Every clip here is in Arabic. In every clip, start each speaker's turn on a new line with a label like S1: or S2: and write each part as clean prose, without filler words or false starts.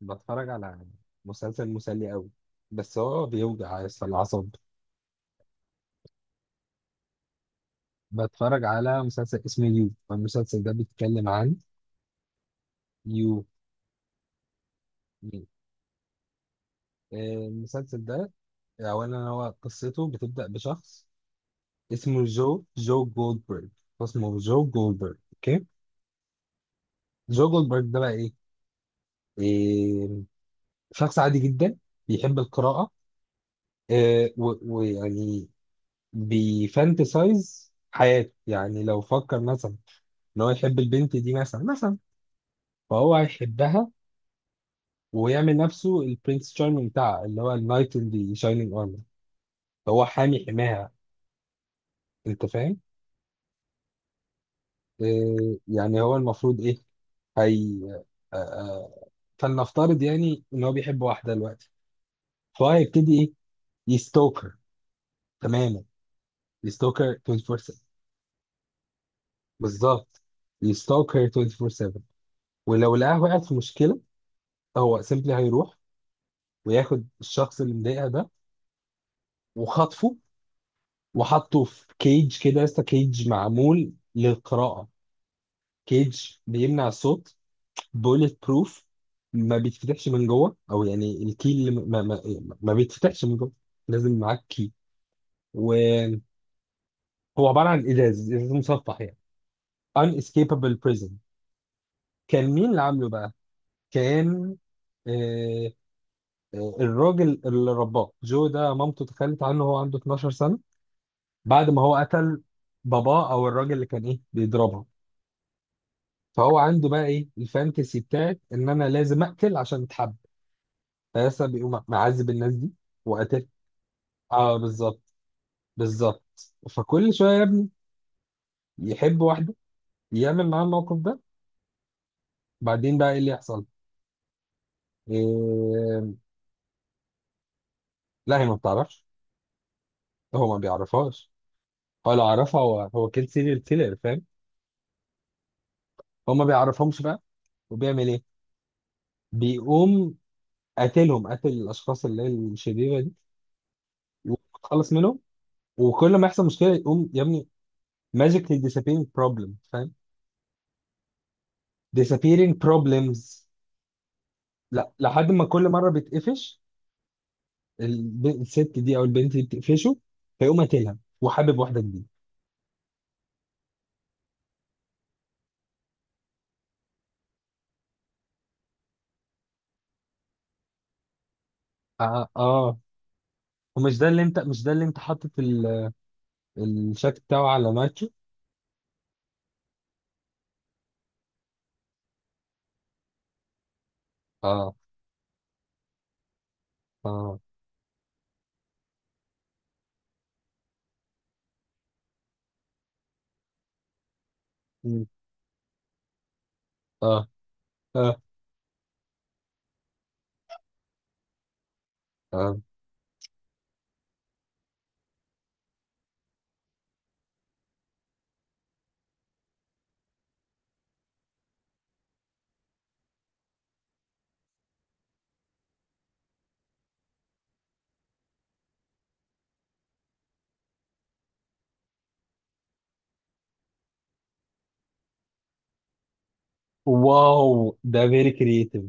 S1: بتفرج على مسلسل مسلي قوي، بس هو بيوجع يس الأعصاب. بتفرج على مسلسل اسمه يو، المسلسل ده بيتكلم عن. يو مين؟ آه، المسلسل ده أولا هو قصته بتبدأ بشخص اسمه جو جو جولدبرج، اسمه جو جولدبرج، أوكي. جو جولدبرج ده بقى إيه؟ إيه، شخص عادي جدا بيحب القراءة. ويعني بيفانتسايز حياته. يعني لو فكر مثلا ان هو يحب البنت دي، مثلا فهو هيحبها، ويعمل نفسه البرنس تشارمينج بتاعها اللي هو النايت ان دي شاينينج ارمر، فهو حامي حماها. انت فاهم؟ إيه يعني، هو المفروض ايه؟ هي، آه، آه، فلنفترض يعني ان هو بيحب واحده دلوقتي، فهو هيبتدي ايه؟ يستوكر. تماما، يستوكر 24 7. بالظبط، يستوكر 24 7. ولو لقاها وقعت في مشكله، هو سيمبلي هيروح وياخد الشخص اللي مضايقها ده وخطفه وحطه في كيج، كده يا اسطى، كيج معمول للقراءة، كيج بيمنع الصوت، بوليت بروف، ما بيتفتحش من جوه، او يعني الكي اللي ما بيتفتحش من جوه، لازم معاك كي. وهو عبارة عن ازاز ازاز مصفح يعني، unescapable prison. كان مين اللي عامله بقى؟ كان آه، الراجل اللي رباه جو ده، مامته تخلت عنه وهو عنده 12 سنة بعد ما هو قتل باباه، او الراجل اللي كان ايه بيضربها. فهو عنده بقى ايه، الفانتسي بتاعت ان انا لازم اقتل عشان اتحب، فلسه بيقوم معذب الناس دي وقتل. اه، بالظبط. بالظبط، فكل شويه يا ابني يحب واحده، يعمل معاها الموقف ده، بعدين بقى ايه اللي يحصل؟ إيه... لا، هي ما بتعرفش، هو ما بيعرفهاش. هو لو عرفها، هو سيريال كيلر، فاهم. هو ما بيعرفهمش بقى، وبيعمل ايه؟ بيقوم قاتلهم، قاتل الاشخاص اللي هي الشريره دي وخلص منهم. وكل ما يحصل مشكله يقوم يا ابني ماجيكلي disappearing problem، فاهم؟ disappearing problems. لا، لحد ما كل مره بتقفش الست دي او البنت دي بتقفشه، فيقوم قاتلها وحابب واحده جديده. اه، اه. ومش ده اللي انت مش ده اللي انت حاطط الشكل بتاعه على ماتشو. اه، اه. مم. اه، اه، اه. واو، ده فيري كرييتيف.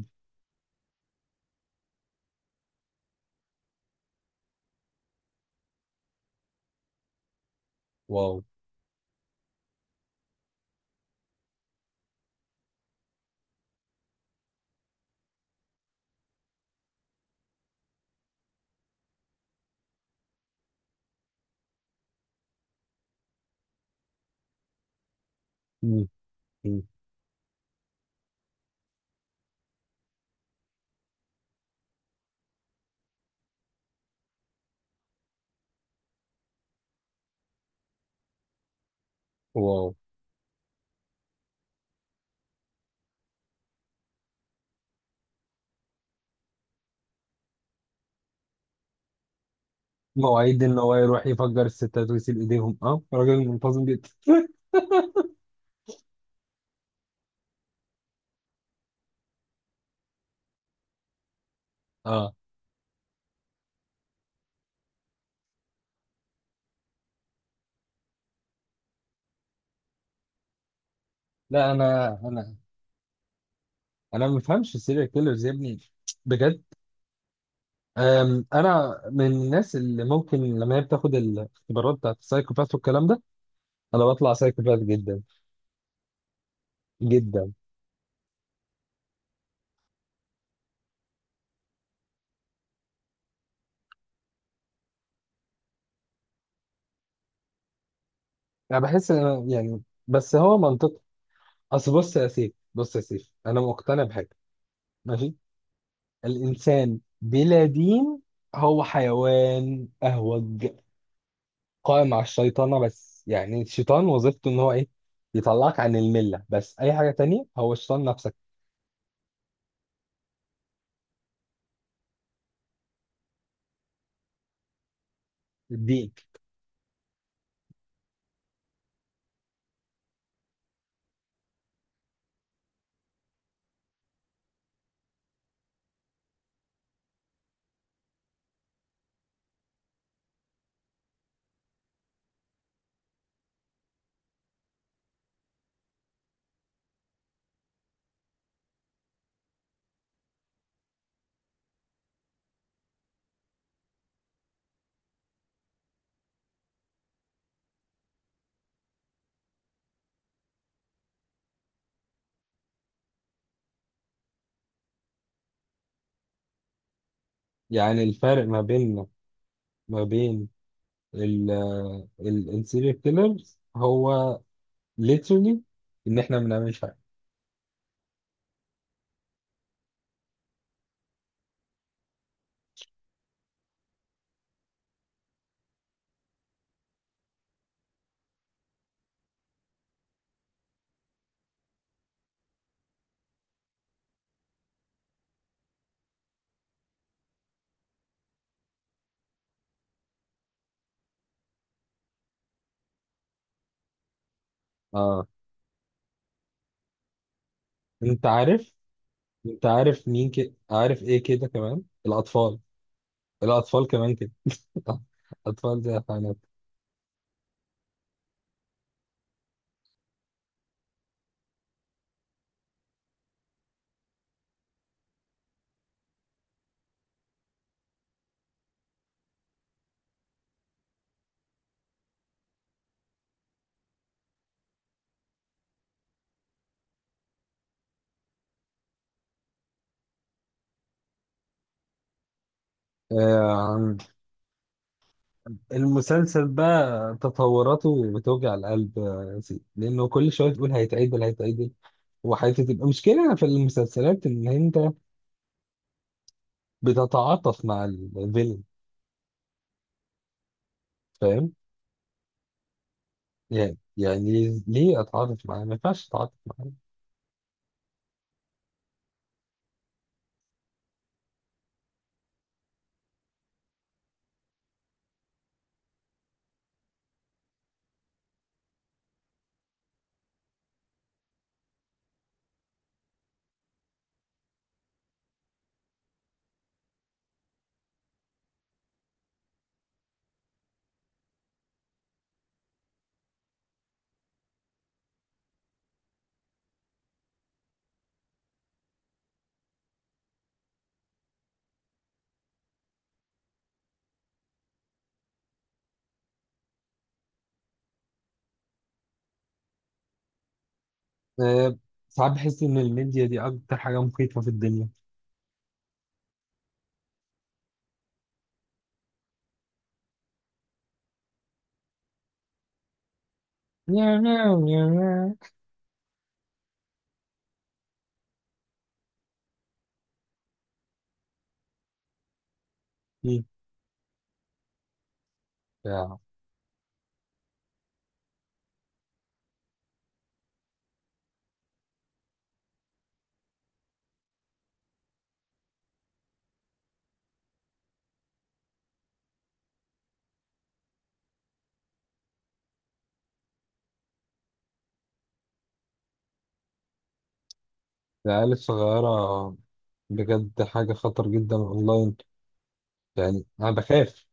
S1: واو. مم. مم. واو. مواعيد ان هو يروح يفجر الستات ويسيب ايديهم، اه، راجل منتظم جدا. اه. لا، انا، انا ما بفهمش السيريال كيلرز يا ابني، بجد. انا من الناس اللي ممكن لما هي بتاخد الاختبارات بتاعت السايكوباث والكلام ده، انا بطلع سايكوباث جدا جدا. انا بحس ان أنا يعني، بس هو منطق. اصل بص يا سيف، بص يا سيف، انا مقتنع بحاجه، ماشي. الانسان بلا دين هو حيوان اهوج قائم على الشيطنه. بس يعني الشيطان وظيفته ان هو ايه؟ يطلعك عن المله، بس اي حاجه تانية هو الشيطان نفسك. الدين، يعني الفرق ما بيننا ما بين السيريال كيلرز هو literally ان احنا ما بنعملش حاجه. اه. انت عارف، انت عارف مين كده؟ عارف ايه كده كمان؟ الاطفال. الاطفال كمان كده. اطفال زي حيوانات. آه، المسلسل بقى تطوراته بتوجع القلب، سيدي، لانه كل شويه تقول هيتعدل هيتعدل وحياته. تبقى مشكله في المسلسلات ان انت بتتعاطف مع الفيلم، فاهم. يعني ليه اتعاطف معاه، ما ينفعش اتعاطف معاه. آه، ساعات بحس إن الميديا دي أكتر حاجة مخيفة في الدنيا. نيا نيا نيا نيا. مم. يا- العيال الصغيرة، بجد حاجة خطر جدا أونلاين، يعني أنا بخاف.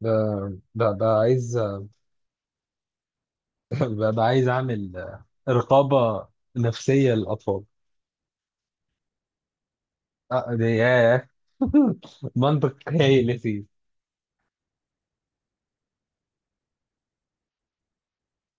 S1: ببقى عايز ببقى عايز أعمل رقابة نفسية للأطفال. ياه. منطق هايل.